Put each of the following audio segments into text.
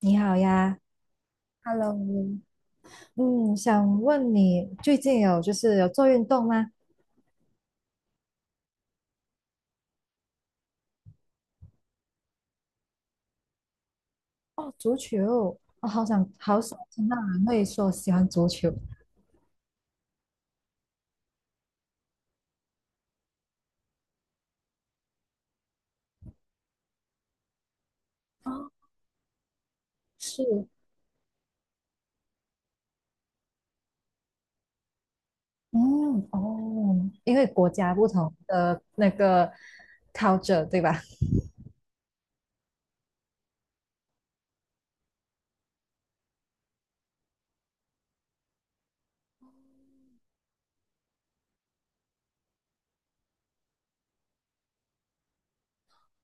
你好呀，Hello，嗯，想问你最近有就是有做运动吗？哦，足球，我好想听到人会说喜欢足球。哦，是，嗯，哦，因为国家不同的那个 culture 对吧？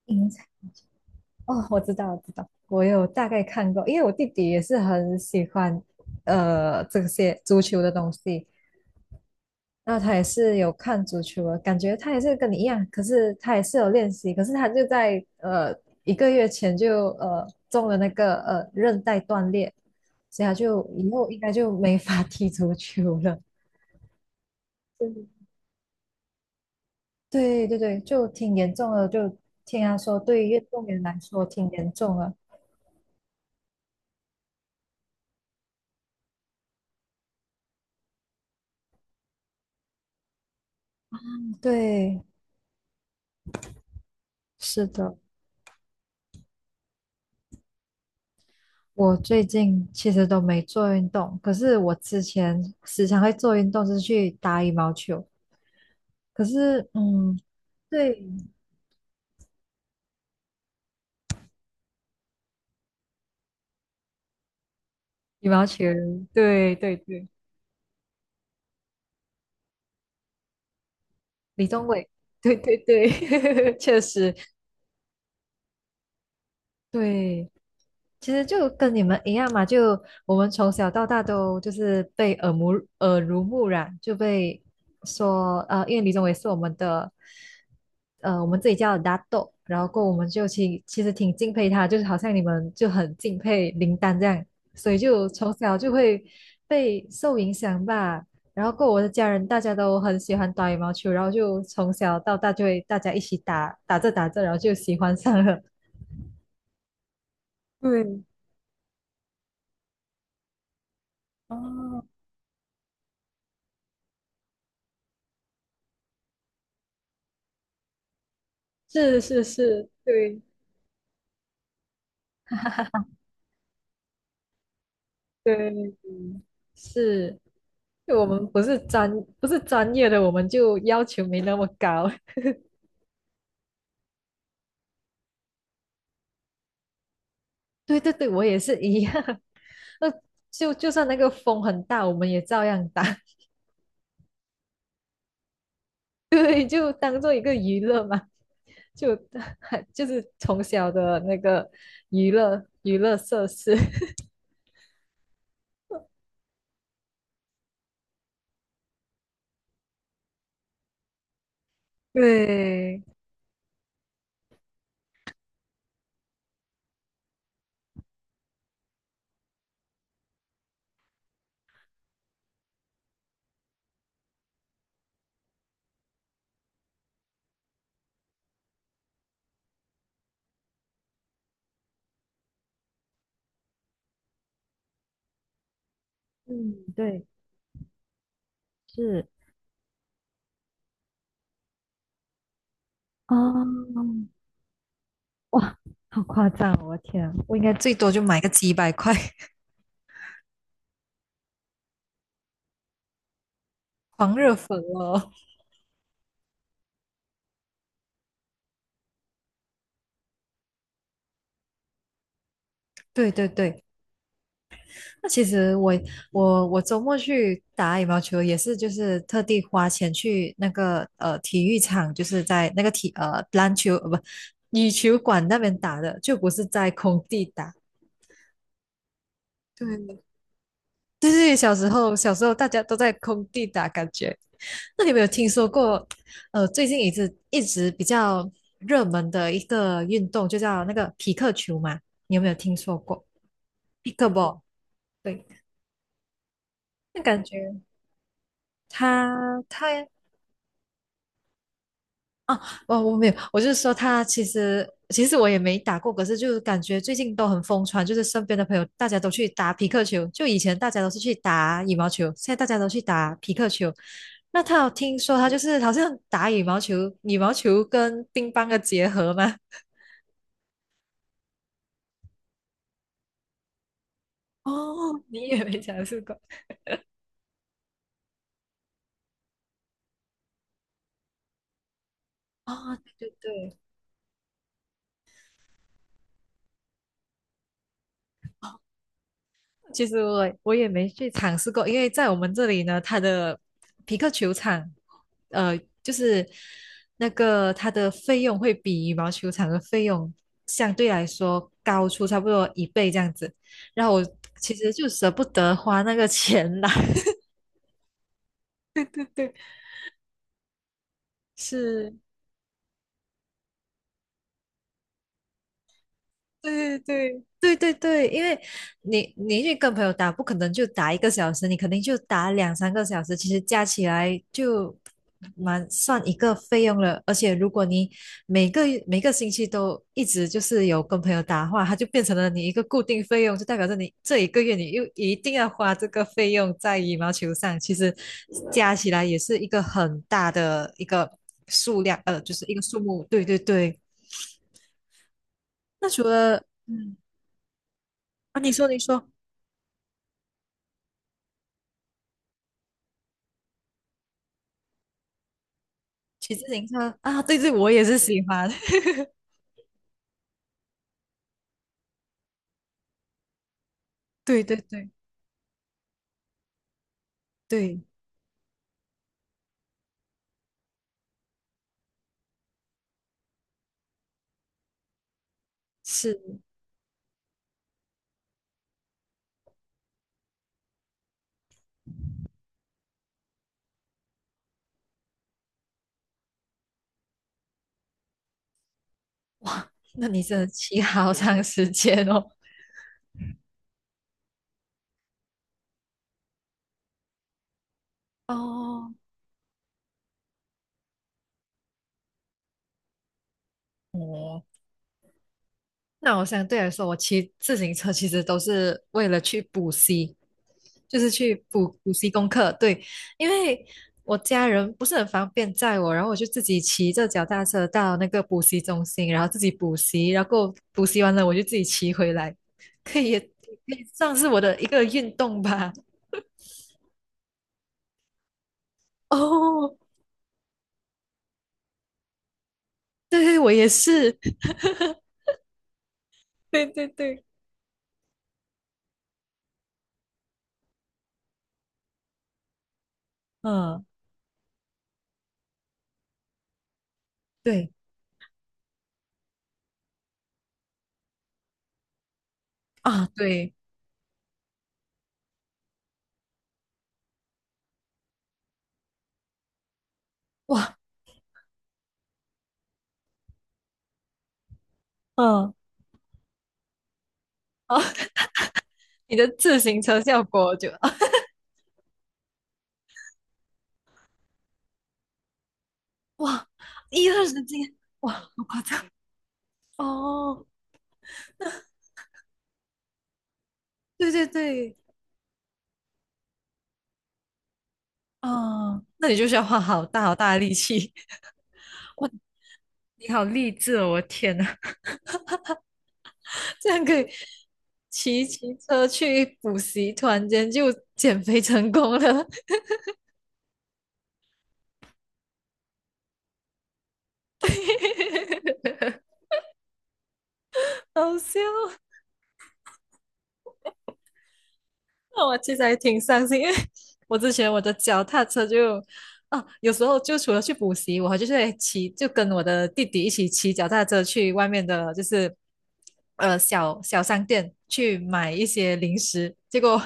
影响哦，我知道，我有大概看过，因为我弟弟也是很喜欢这些足球的东西，那他也是有看足球的，感觉他也是跟你一样，可是他也是有练习，可是他就在呃一个月前就中了那个韧带断裂，所以他就以后应该就没法踢足球了。嗯，对，就挺严重的，就听他说，对于运动员来说挺严重的。对，是的，我最近其实都没做运动，可是我之前时常会做运动，就是去打羽毛球。可是，嗯，对，羽毛球，对，李宗伟，对，确实，对，其实就跟你们一样嘛，就我们从小到大都就是被耳濡目染，就被说，因为李宗伟是，我们自己叫的大豆，然后过后我们就其实挺敬佩他，就是好像你们就很敬佩林丹这样，所以就从小就会被受影响吧。然后过后我的家人大家都很喜欢打羽毛球，然后就从小到大就会大家一起打着打着，然后就喜欢上了。对，哦，是，对对是，就我们不是专业的，我们就要求没那么高。对，我也是一样。那就就算那个风很大，我们也照样打。对，就当做一个娱乐嘛，就 就是从小的那个娱乐娱乐设施。对，嗯，对，是哦，哇，好夸张哦，我的天啊，我应该最多就买个几百块。狂热粉哦，对，那其实我我周末去打羽毛球也是，就是特地花钱去那个体育场，就是在那个体呃篮球呃不羽球馆那边打的，就不是在空地打。对对，小时候大家都在空地打，感觉。那你有没有听说过？呃，最近一直比较热门的一个运动，就叫那个匹克球嘛？你有没有听说过 pickleball， 对。那感觉他啊，我我没有，我就是说他其实我也没打过，可是就是感觉最近都很疯传，就是身边的朋友大家都去打匹克球，就以前大家都是去打羽毛球，现在大家都去打匹克球。那他有听说他就是好像打羽毛球，羽毛球跟乒乓的结合吗？哦，你也没尝试过哦，对。其实我我也没去尝试过，因为在我们这里呢，它的匹克球场，呃，就是那个它的费用会比羽毛球场的费用相对来说高出差不多一倍这样子，然后我其实就舍不得花那个钱啦。对，是对 对，因为你你去跟朋友打，不可能就打一个小时，你肯定就打两三个小时，其实加起来就蛮算一个费用了。而且如果你每个每个星期都一直就是有跟朋友打的话，它就变成了你一个固定费用，就代表着你这一个月你又一定要花这个费用在羽毛球上，其实加起来也是一个很大的一个数量，就是一个数目。对，那除了嗯啊，你说。骑自行车啊，对对，我也是喜欢，对对对对，是哇，那你真的骑好长时间哦。哦，哦，那我相对来说，我骑自行车其实都是为了去补习，就是去补习功课。对，因为我家人不是很方便载我，然后我就自己骑着脚踏车到那个补习中心，然后自己补习，然后补习完了我就自己骑回来，可以算是我的一个运动吧。哦，对，我也是，对，嗯，对啊，对，哇，嗯，啊，你的自行车效果，就啊，哇，一二十斤，哇，好夸张，哦，对，啊，那你就需要花好大好大的力气，哇，你好励志哦，我的天呐，这样可以骑车去补习，突然间就减肥成功了，好笑。那我其实还挺伤心，因为我之前我的脚踏车就，啊，有时候就除了去补习，我就是会骑，就跟我的弟弟一起骑脚踏车去外面的，就是小小商店去买一些零食。结果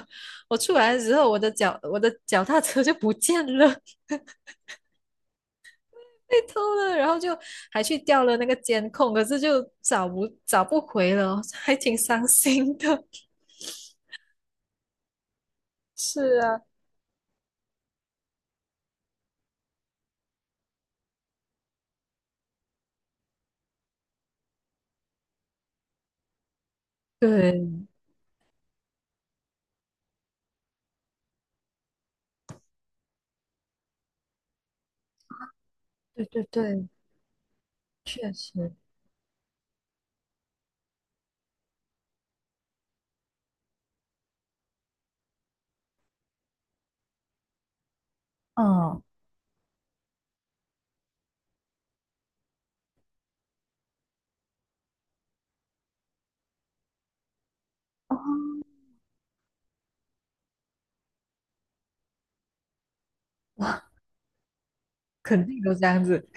我出来的时候，我的脚踏车就不见了，被偷了，然后就还去调了那个监控，可是就找不回了，还挺伤心的。是啊，对对，确实。嗯，肯定都这样子，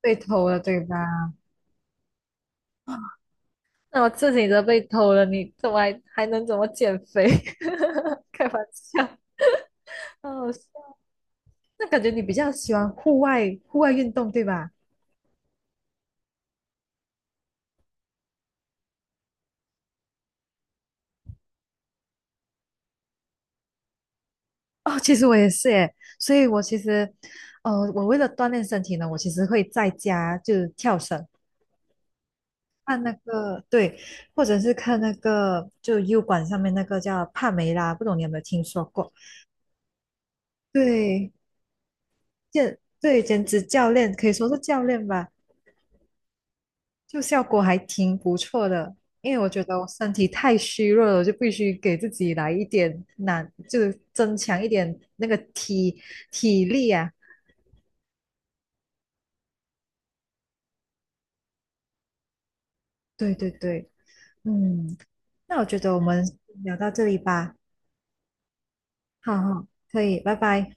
被偷了对吧？那我自己都被偷了，你怎么还能怎么减肥？开玩笑，哦，那感觉你比较喜欢户外运动对吧？哦，其实我也是耶，所以我其实，呃，我为了锻炼身体呢，我其实会在家就跳绳，看那个对，或者是看那个就 U 管上面那个叫帕梅拉，不懂你有没有听说过？对，健对减脂教练可以说是教练吧。就效果还挺不错的，因为我觉得我身体太虚弱了，我就必须给自己来一点难，就增强一点那个体力啊。对，嗯，那我觉得我们聊到这里吧，好，可以，拜拜。